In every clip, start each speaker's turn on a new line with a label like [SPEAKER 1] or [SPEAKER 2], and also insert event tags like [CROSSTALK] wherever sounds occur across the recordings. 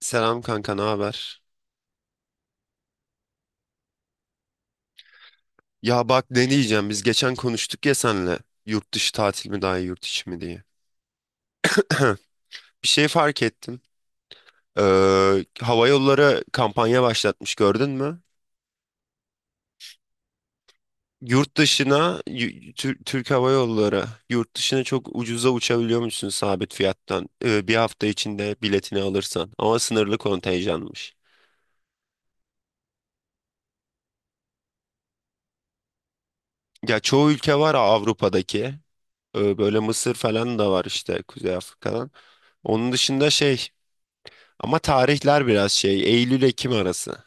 [SPEAKER 1] Selam kanka, ne haber? Ya bak ne diyeceğim biz geçen konuştuk ya senle yurt dışı tatil mi daha iyi yurt içi mi diye. [CLEARS THROAT] Bir şey fark ettim. Hava yolları kampanya başlatmış gördün mü? Yurt dışına Türk Hava Yolları yurt dışına çok ucuza uçabiliyormuşsun sabit fiyattan. Bir hafta içinde biletini alırsan ama sınırlı kontenjanmış. Ya çoğu ülke var Avrupa'daki. Böyle Mısır falan da var işte Kuzey Afrika'dan. Onun dışında şey, ama tarihler biraz şey, Eylül-Ekim arası.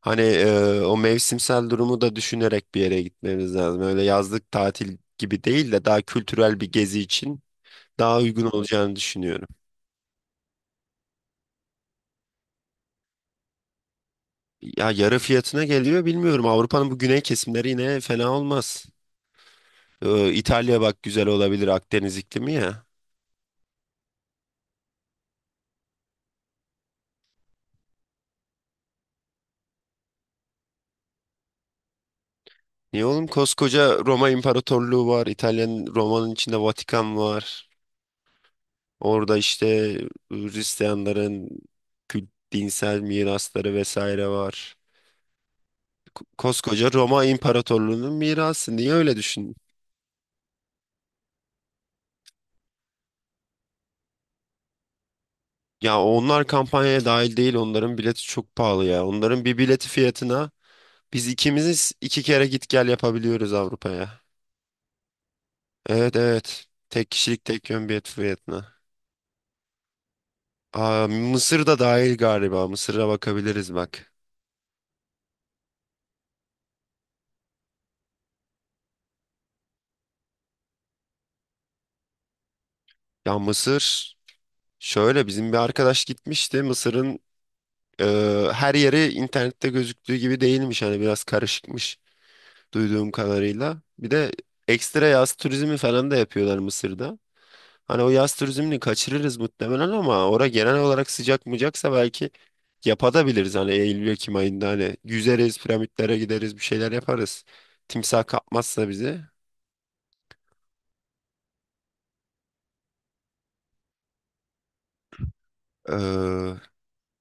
[SPEAKER 1] Hani o mevsimsel durumu da düşünerek bir yere gitmemiz lazım. Öyle yazlık tatil gibi değil de daha kültürel bir gezi için daha uygun olacağını düşünüyorum. Ya yarı fiyatına geliyor bilmiyorum. Avrupa'nın bu güney kesimleri yine fena olmaz. İtalya bak güzel olabilir, Akdeniz iklimi ya. Niye oğlum, koskoca Roma İmparatorluğu var. İtalya'nın, Roma'nın içinde Vatikan var. Orada işte Hristiyanların dinsel mirasları vesaire var. Koskoca Roma İmparatorluğu'nun mirası. Niye öyle düşün? Ya onlar kampanyaya dahil değil. Onların bileti çok pahalı ya. Onların bir bileti fiyatına biz ikimiz iki kere git gel yapabiliyoruz Avrupa'ya. Evet, evet. Tek kişilik tek yön bilet fiyatına. Aa, Mısır da dahil galiba. Mısır'a bakabiliriz bak. Ya Mısır şöyle, bizim bir arkadaş gitmişti. Mısır'ın, Ee, her yeri internette gözüktüğü gibi değilmiş, hani biraz karışıkmış duyduğum kadarıyla. Bir de ekstra yaz turizmi falan da yapıyorlar Mısır'da. Hani o yaz turizmini kaçırırız muhtemelen ama ora genel olarak sıcak mıcaksa belki yapabiliriz, hani Eylül-Ekim ayında hani yüzeriz, piramitlere gideriz, bir şeyler yaparız. Timsah kapmazsa bizi. Ee,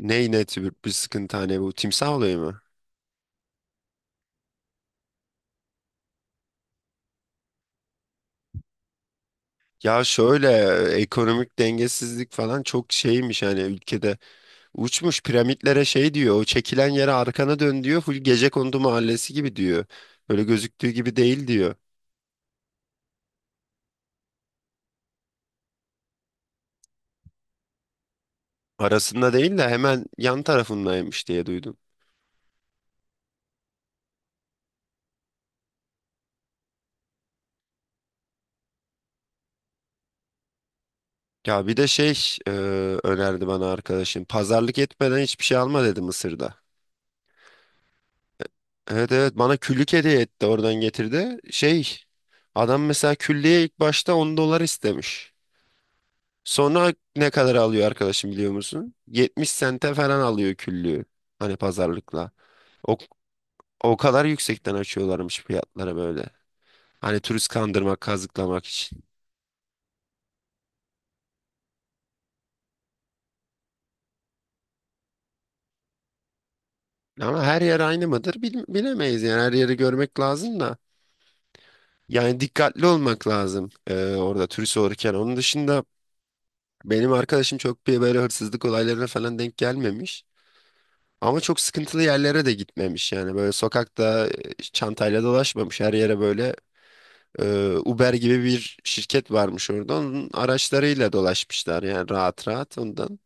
[SPEAKER 1] Ne tür bir sıkıntı, hani bu timsah olayı mı? Ya şöyle, ekonomik dengesizlik falan çok şeymiş hani ülkede. Uçmuş piramitlere, şey diyor, o çekilen yere arkana dön diyor. Full Gecekondu mahallesi gibi diyor. Öyle gözüktüğü gibi değil diyor. Arasında değil de hemen yan tarafındaymış diye duydum. Ya bir de şey, e, önerdi bana arkadaşım. Pazarlık etmeden hiçbir şey alma dedi Mısır'da. Evet, evet, bana küllük hediye etti, oradan getirdi. Şey, adam mesela küllüğe ilk başta 10 dolar istemiş. Sonra ne kadar alıyor arkadaşım biliyor musun? 70 sente falan alıyor küllüğü. Hani pazarlıkla. O O kadar yüksekten açıyorlarmış fiyatlara böyle. Hani turist kandırmak, kazıklamak için. Ama her yer aynı mıdır, bilemeyiz yani, her yeri görmek lazım da. Yani dikkatli olmak lazım orada turist olurken. Onun dışında benim arkadaşım çok bir böyle hırsızlık olaylarına falan denk gelmemiş. Ama çok sıkıntılı yerlere de gitmemiş, yani böyle sokakta çantayla dolaşmamış her yere. Böyle Uber gibi bir şirket varmış orada, onun araçlarıyla dolaşmışlar yani rahat rahat ondan.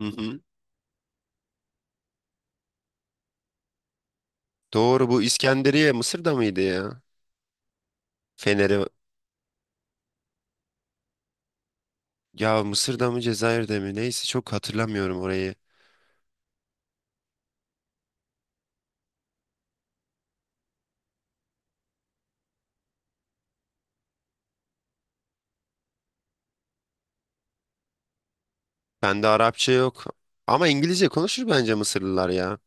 [SPEAKER 1] Hı hı. Doğru, bu İskenderiye Mısır'da mıydı ya? Feneri, ya Mısır'da mı Cezayir'de mi neyse, çok hatırlamıyorum orayı. Bende Arapça yok ama İngilizce konuşur bence Mısırlılar ya.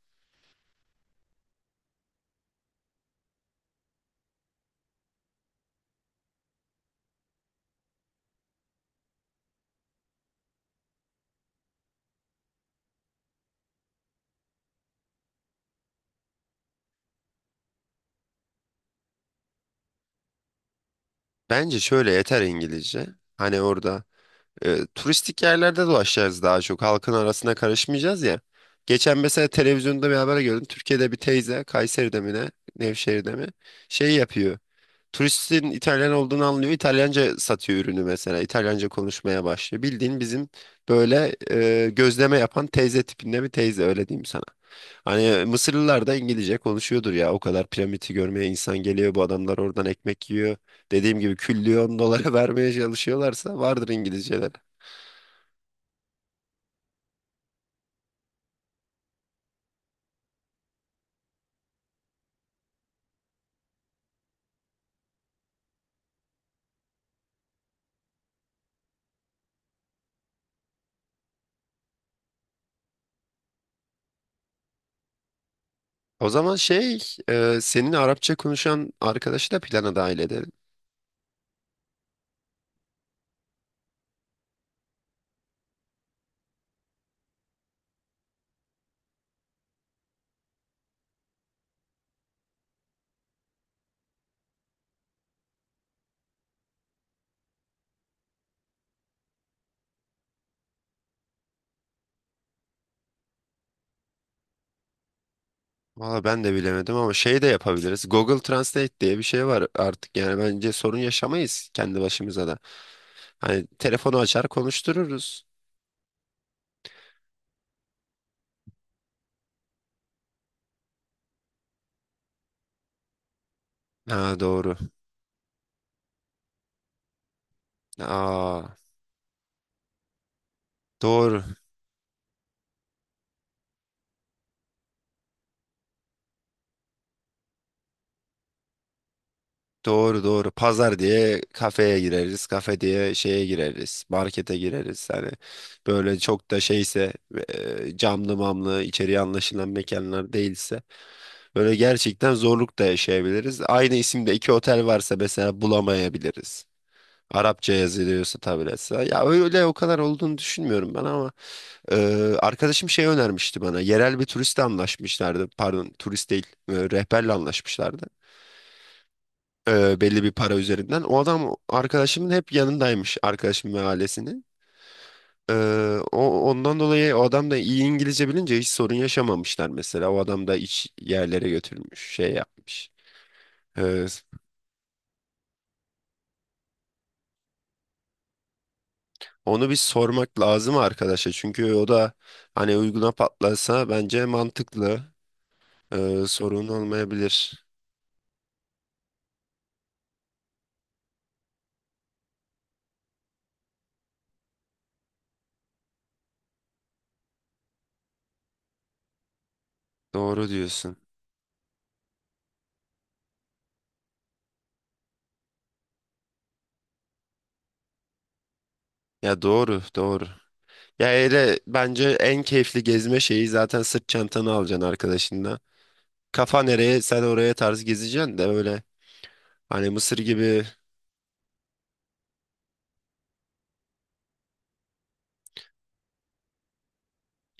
[SPEAKER 1] Bence şöyle yeter İngilizce. Hani orada turistik yerlerde dolaşacağız, daha çok halkın arasına karışmayacağız ya. Geçen mesela televizyonda bir haber gördüm. Türkiye'de bir teyze Kayseri'de mi ne, Nevşehir'de mi şey yapıyor. Turistin İtalyan olduğunu anlıyor. İtalyanca satıyor ürünü mesela. İtalyanca konuşmaya başlıyor. Bildiğin bizim böyle gözleme yapan teyze tipinde bir teyze, öyle diyeyim sana. Hani Mısırlılar da İngilizce konuşuyordur ya. O kadar piramidi görmeye insan geliyor. Bu adamlar oradan ekmek yiyor. Dediğim gibi küllyon dolara [LAUGHS] vermeye çalışıyorlarsa vardır İngilizceleri. O zaman şey, senin Arapça konuşan arkadaşı da plana dahil edelim. Valla ben de bilemedim ama şey de yapabiliriz. Google Translate diye bir şey var artık, yani bence sorun yaşamayız kendi başımıza da. Hani telefonu açar konuştururuz. Ha doğru. Aa doğru. Doğru, doğru. Pazar diye kafeye gireriz, kafe diye şeye gireriz, markete gireriz. Hani böyle çok da şeyse, camlı mamlı içeriye anlaşılan mekanlar değilse, böyle gerçekten zorluk da yaşayabiliriz. Aynı isimde iki otel varsa mesela bulamayabiliriz. Arapça yazılıyorsa, tabletse. Ya öyle o kadar olduğunu düşünmüyorum ben ama e, arkadaşım şey önermişti bana. Yerel bir turistle anlaşmışlardı. Pardon, turist değil, rehberle anlaşmışlardı. Belli bir para üzerinden. O adam arkadaşımın hep yanındaymış, arkadaşım ve ailesinin. E, o Ondan dolayı o adam da iyi İngilizce bilince hiç sorun yaşamamışlar mesela. O adam da iç yerlere götürmüş, şey yapmış. E, Onu bir sormak lazım arkadaşa, çünkü o da hani uyguna patlasa bence mantıklı. Sorun olmayabilir. Doğru diyorsun. Ya doğru, doğru. Ya öyle bence en keyifli gezme şeyi, zaten sırt çantanı alacaksın arkadaşınla. Kafa nereye sen oraya tarz gezeceksin de öyle, hani Mısır gibi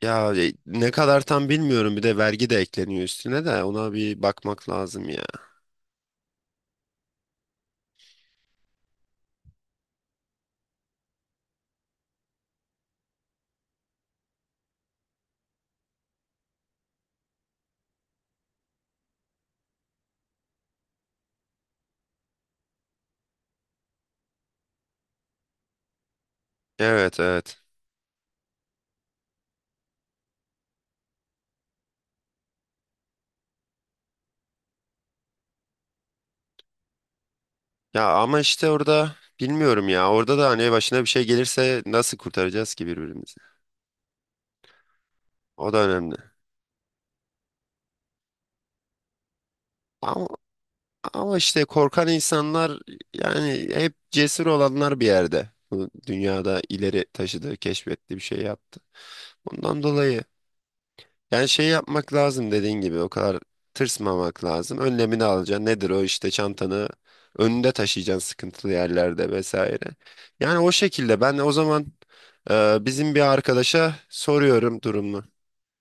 [SPEAKER 1] ya, ne kadar tam bilmiyorum, bir de vergi de ekleniyor üstüne, de ona bir bakmak lazım ya. Evet, evet. Ya ama işte orada bilmiyorum ya, orada da hani başına bir şey gelirse nasıl kurtaracağız ki birbirimizi? O da önemli. Ama Ama işte korkan insanlar, yani hep cesur olanlar bir yerde bu dünyada ileri taşıdı, keşfetti, bir şey yaptı. Ondan dolayı yani şey yapmak lazım, dediğin gibi o kadar tırsmamak lazım. Önlemini alacaksın. Nedir o, işte çantanı önünde taşıyacaksın sıkıntılı yerlerde vesaire. Yani o şekilde ben o zaman bizim bir arkadaşa soruyorum durumu.